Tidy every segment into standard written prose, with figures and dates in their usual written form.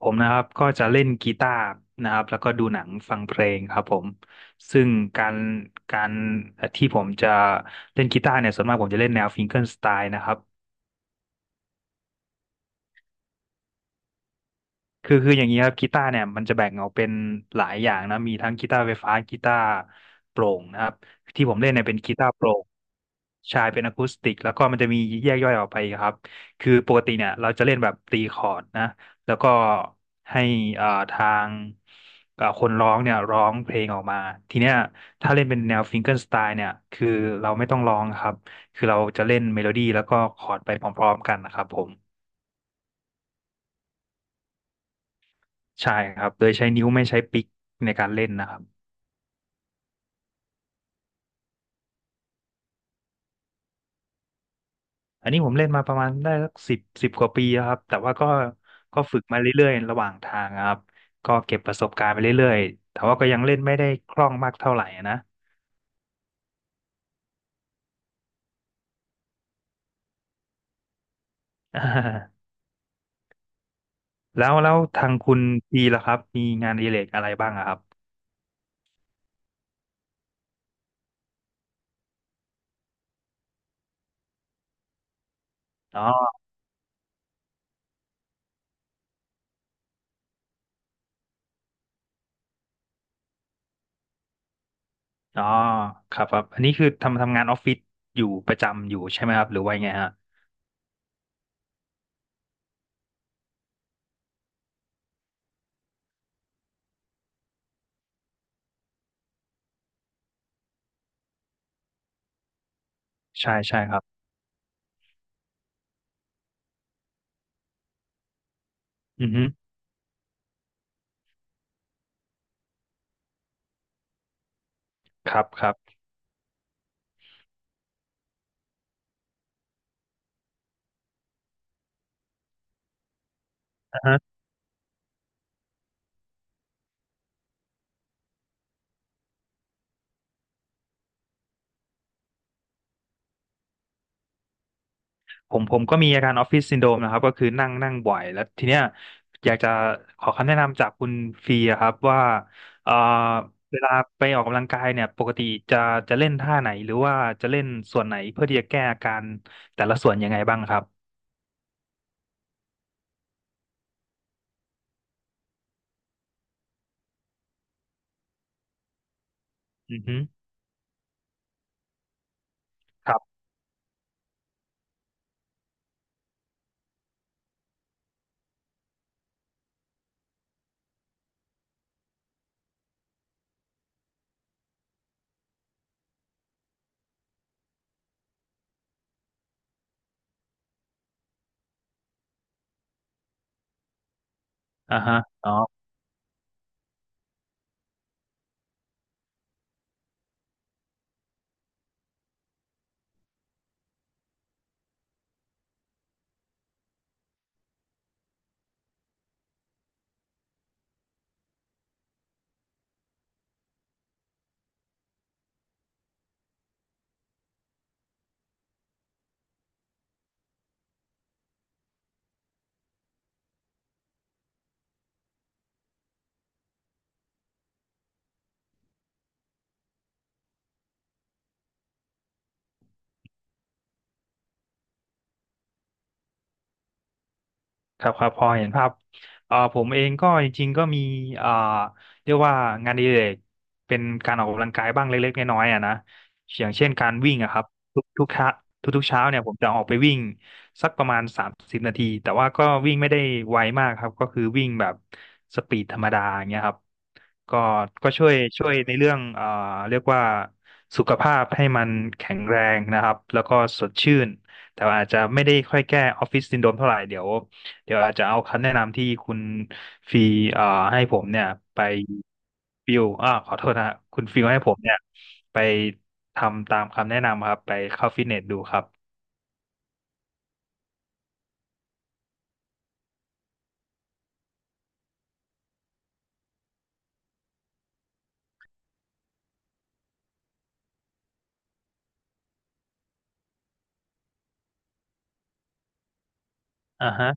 ผมนะครับก็จะเล่นกีตาร์นะครับแล้วก็ดูหนังฟังเพลงครับผมซึ่งการการที่ผมจะเล่นกีตาร์เนี่ยส่วนมากผมจะเล่นแนวฟิงเกอร์สไตล์นะครับ คืออย่างนี้ครับกีตาร์เนี่ยมันจะแบ่งออกเป็นหลายอย่างนะมีทั้งกีตาร์ไฟฟ้ากีตาร์โปร่งนะครับที่ผมเล่นเนี่ยเป็นกีตาร์โปร่งใช่เป็นอะคูสติกแล้วก็มันจะมีแยกย่อยออกไปครับคือปกติเนี่ยเราจะเล่นแบบตีคอร์ดนะแล้วก็ให้ทางคนร้องเนี่ยร้องเพลงออกมาทีเนี้ยถ้าเล่นเป็นแนวฟิงเกิลสไตล์เนี่ยคือเราไม่ต้องร้องครับคือเราจะเล่นเมโลดี้แล้วก็คอร์ดไปพร้อมๆกันนะครับผม ใช่ครับ โดยใช้นิ้วไม่ใช้ปิกในการเล่นนะครับ อันนี้ผมเล่นมาประมาณได้สักสิบกว่าปีแล้วครับ แต่ว่าก็ฝึกมาเรื่อยๆระหว่างทางครับก็เก็บประสบการณ์ไปเรื่อยๆแต่ว่าก็ยังเล่นไม่ได้คล่องมากเท่าไหร่นะ อ่าแล้วทางคุณปีล่ะครับ มีงานอดิเรกอะไรบ้างอะครับอ๋ออ๋อครับครับ อันนี้คือทำงานออฟฟิศอยู่ประจำอยู่ใช่ไหมครับหรือว่ายังไงฮะใช่ใช่ครับอือฮึครับครับ ผมก็มีอาการออฟฟิศซินโดรมนะครับก็คือนั่งนั่งบ่อยแล้วทีเนี้ยอยากจะขอคำแนะนำจากคุณฟรีอะครับว่าเอ่อเวลาไปออกกำลังกายเนี่ยปกติจะจะเล่นท่าไหนหรือว่าจะเล่นส่วนไหนเพื่อที่จะแก้อาการแต่ละส่วนยังไงบ้างครับอือฮึครับอ่าฮะอ๋อ ครับครับพอเห็นภาพผมเองก็จริงๆก็มีเอ่อเรียกว่างานอดิเรกเป็นการออกกำลังกายบ้างเล็กๆน้อยๆอ่ะนะอย่างเช่นการวิ่งอะครับทุกเช้าทุกๆเช้าเนี่ยผมจะออกไปวิ่งสักประมาณ30 นาทีแต่ว่าก็วิ่งไม่ได้ไวมากครับก็คือวิ่งแบบสปีดธรรมดาอย่างเงี้ยครับก็ก็ช่วยในเรื่องเรียกว่าสุขภาพให้มันแข็งแรงนะครับแล้วก็สดชื่นแต่ว่าอาจจะไม่ได้ค่อยแก้ออฟฟิศซินโดรมเท่าไหร่เดี๋ยวอาจจะเอาคำแนะนำที่คุณฟีเอ่อให้ผมเนี่ยไปฟิวอ่าขอโทษนะฮะคุณฟิวให้ผมเนี่ยไปทำตามคำแนะนำครับไปเข้าฟิตเนสดูครับอ่าฮะ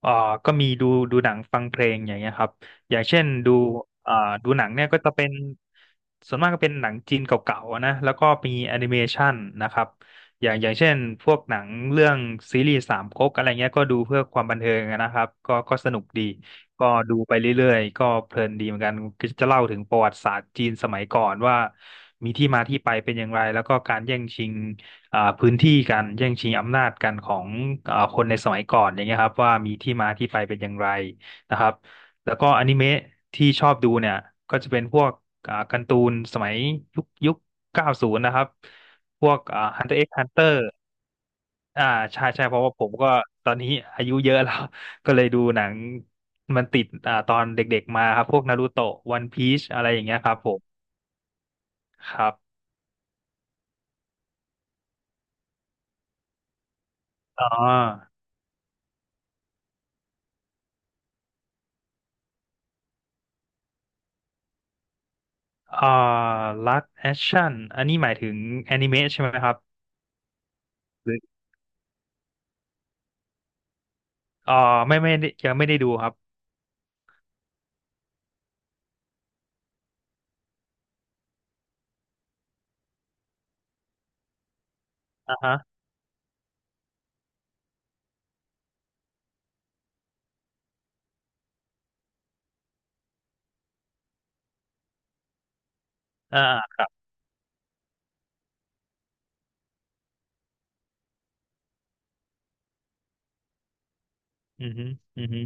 เอ่อก็มีดูหนังฟังเพลงอย่างเงี้ยครับอย่างเช่นดูเอ่อดูหนังเนี่ยก็จะเป็นส่วนมากก็เป็นหนังจีนเก่าๆนะแล้วก็มีแอนิเมชันนะครับอย่างเช่นพวกหนังเรื่องซีรีส์สามก๊กอะไรเงี้ยก็ดูเพื่อความบันเทิงนะครับก็สนุกดีก็ดูไปเรื่อยๆก็เพลินดีเหมือนกันก็จะเล่าถึงประวัติศาสตร์จีนสมัยก่อนว่ามีที่มาที่ไปเป็นอย่างไร แล้วก็การแย่งชิง พื้นที่การแย่งชิงอำนาจกันของคนในสมัยก่อนอย่างเงี้ยครับว่ามีที่มาที่ไปเป็นอย่างไรนะครับแล้วก็อนิเมะที่ชอบดูเนี่ยก็จะเป็นพวกการ์ตูนสมัยยุค90นะครับพวกHunter x Hunter อ่าใช่ใช่เพราะว่าผมก็ตอนนี้อายุเยอะแล้ว ก็เลยดูหนังมันติดตอนเด็กๆมาครับพวกนารูโตะวันพีชอะไรอย่างเงี้ยครับผมครับอ๋อ อ่าลักแอคชั่นอันนี้หมายถึงแอนิเมะใช่ไหมครับหรืออ่าไม่ได้ยังไม่ได้ดูครับอ่าฮะอ่าอือฮึอือฮึ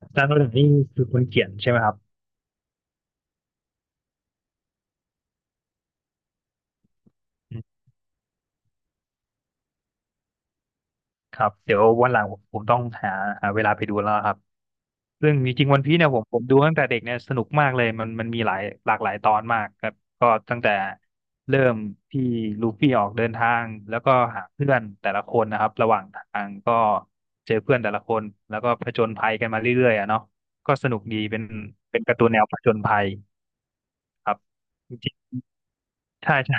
อาจารย์โนดนี่คือคนเขียนใช่ไหมครับอืมครับเดี๋ยววันหลังผมต้องหาเวลาไปดูแล้วครับ ซึ่งจริงๆวันพีซเนี่ยผมดูตั้งแต่เด็กเนี่ยสนุกมากเลยมันมีหลากหลายตอนมากครับก็ตั้งแต่เริ่มที่ลูฟี่ออกเดินทางแล้วก็หาเพื่อนแต่ละคนนะครับระหว่างทางก็เจอเพื่อนแต่ละคนแล้วก็ผจญภัยกันมาเรื่อยๆอะเนาะก็สนุกดีเป็นการ์ตูนแนวผจญภัยครับจริงๆใช่ใช่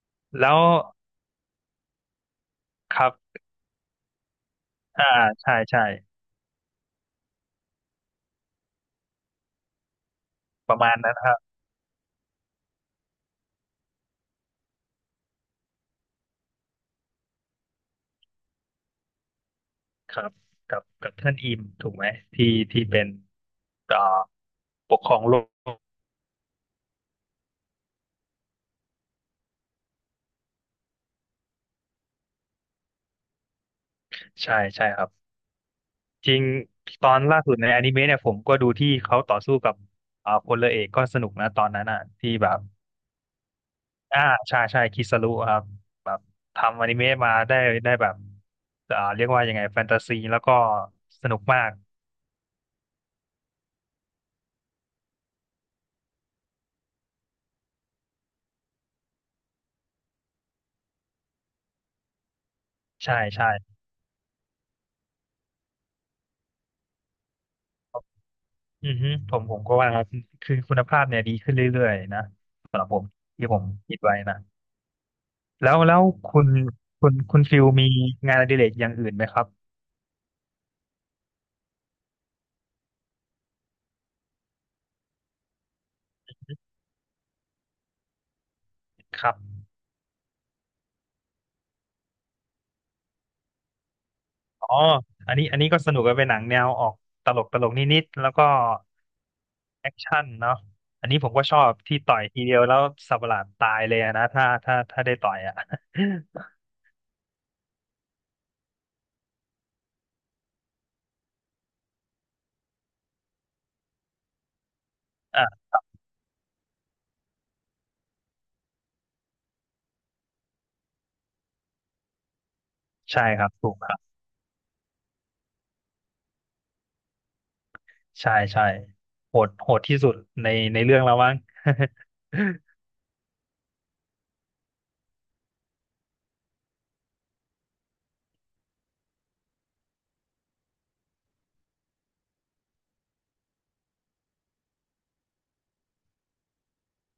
แล้วครับอ่าใช่ใช่ประมาณนั้นครับครับกับท่านอิมถูกไหมที่ที่เป็นเอ่อปกครองโลก ใช่ใช่ครับจริงตอนล่าสุดในอนิเมะเนี่ยผมก็ดูที่เขาต่อสู้กับพลเรือเอกก็สนุกนะตอนนั้นอ่ะที่แบบอ่าใช่ใช่คิสรุครับแบบทำอนิเมะมาได้แบบเรียกว่ายังไงแฟนตาซีแล้วก็สนุกมากใช่ใช่อือฮึผมก็ว่าคือคุณภาพเนี่ยดีขึ้นเรื่อยๆนะสำหรับผมที่ผมคิดไว้นะแล้วคุณคุณฟิลมีงานอดิเรกอย่างอื่นไหมครับครับ อ๋ออันนี้ก็สนุกกันเป็นหนังแนวออกตลกตลกนิดๆแล้วก็แอคชั่นเนาะอันนี้ผมก็ชอบที่ต่อยทีเดียวแล้วสับประหลาดตายเลยอะนะถ้าได้ต่อยอ่ะ อ่ะใช่ครับถูกครับ ใช่ใช่โหดโหดที่สุดในในเรื่องแล้วมั้ง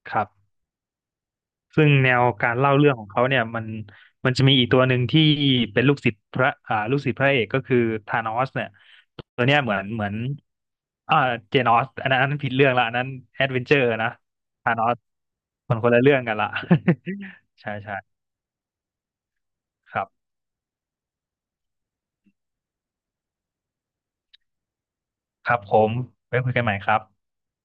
ครับ ซึ่งแนวการเล่าเรื่องของเขาเนี่ยมันจะมีอีกตัวหนึ่งที่เป็นลูกศิษย์พระอ่าลูกศิษย์พระเอกก็คือธานอสเนี่ยตัวเนี้ยเหมือนอ่าเจนอสอันนั้นผิดเรื่องละอันนั้นแอดเวนเจอร์นะธานอสมันคนละเรื่องกันละ ใช่ใช่ครับครับผมไว้คุยกันใหม่ครับ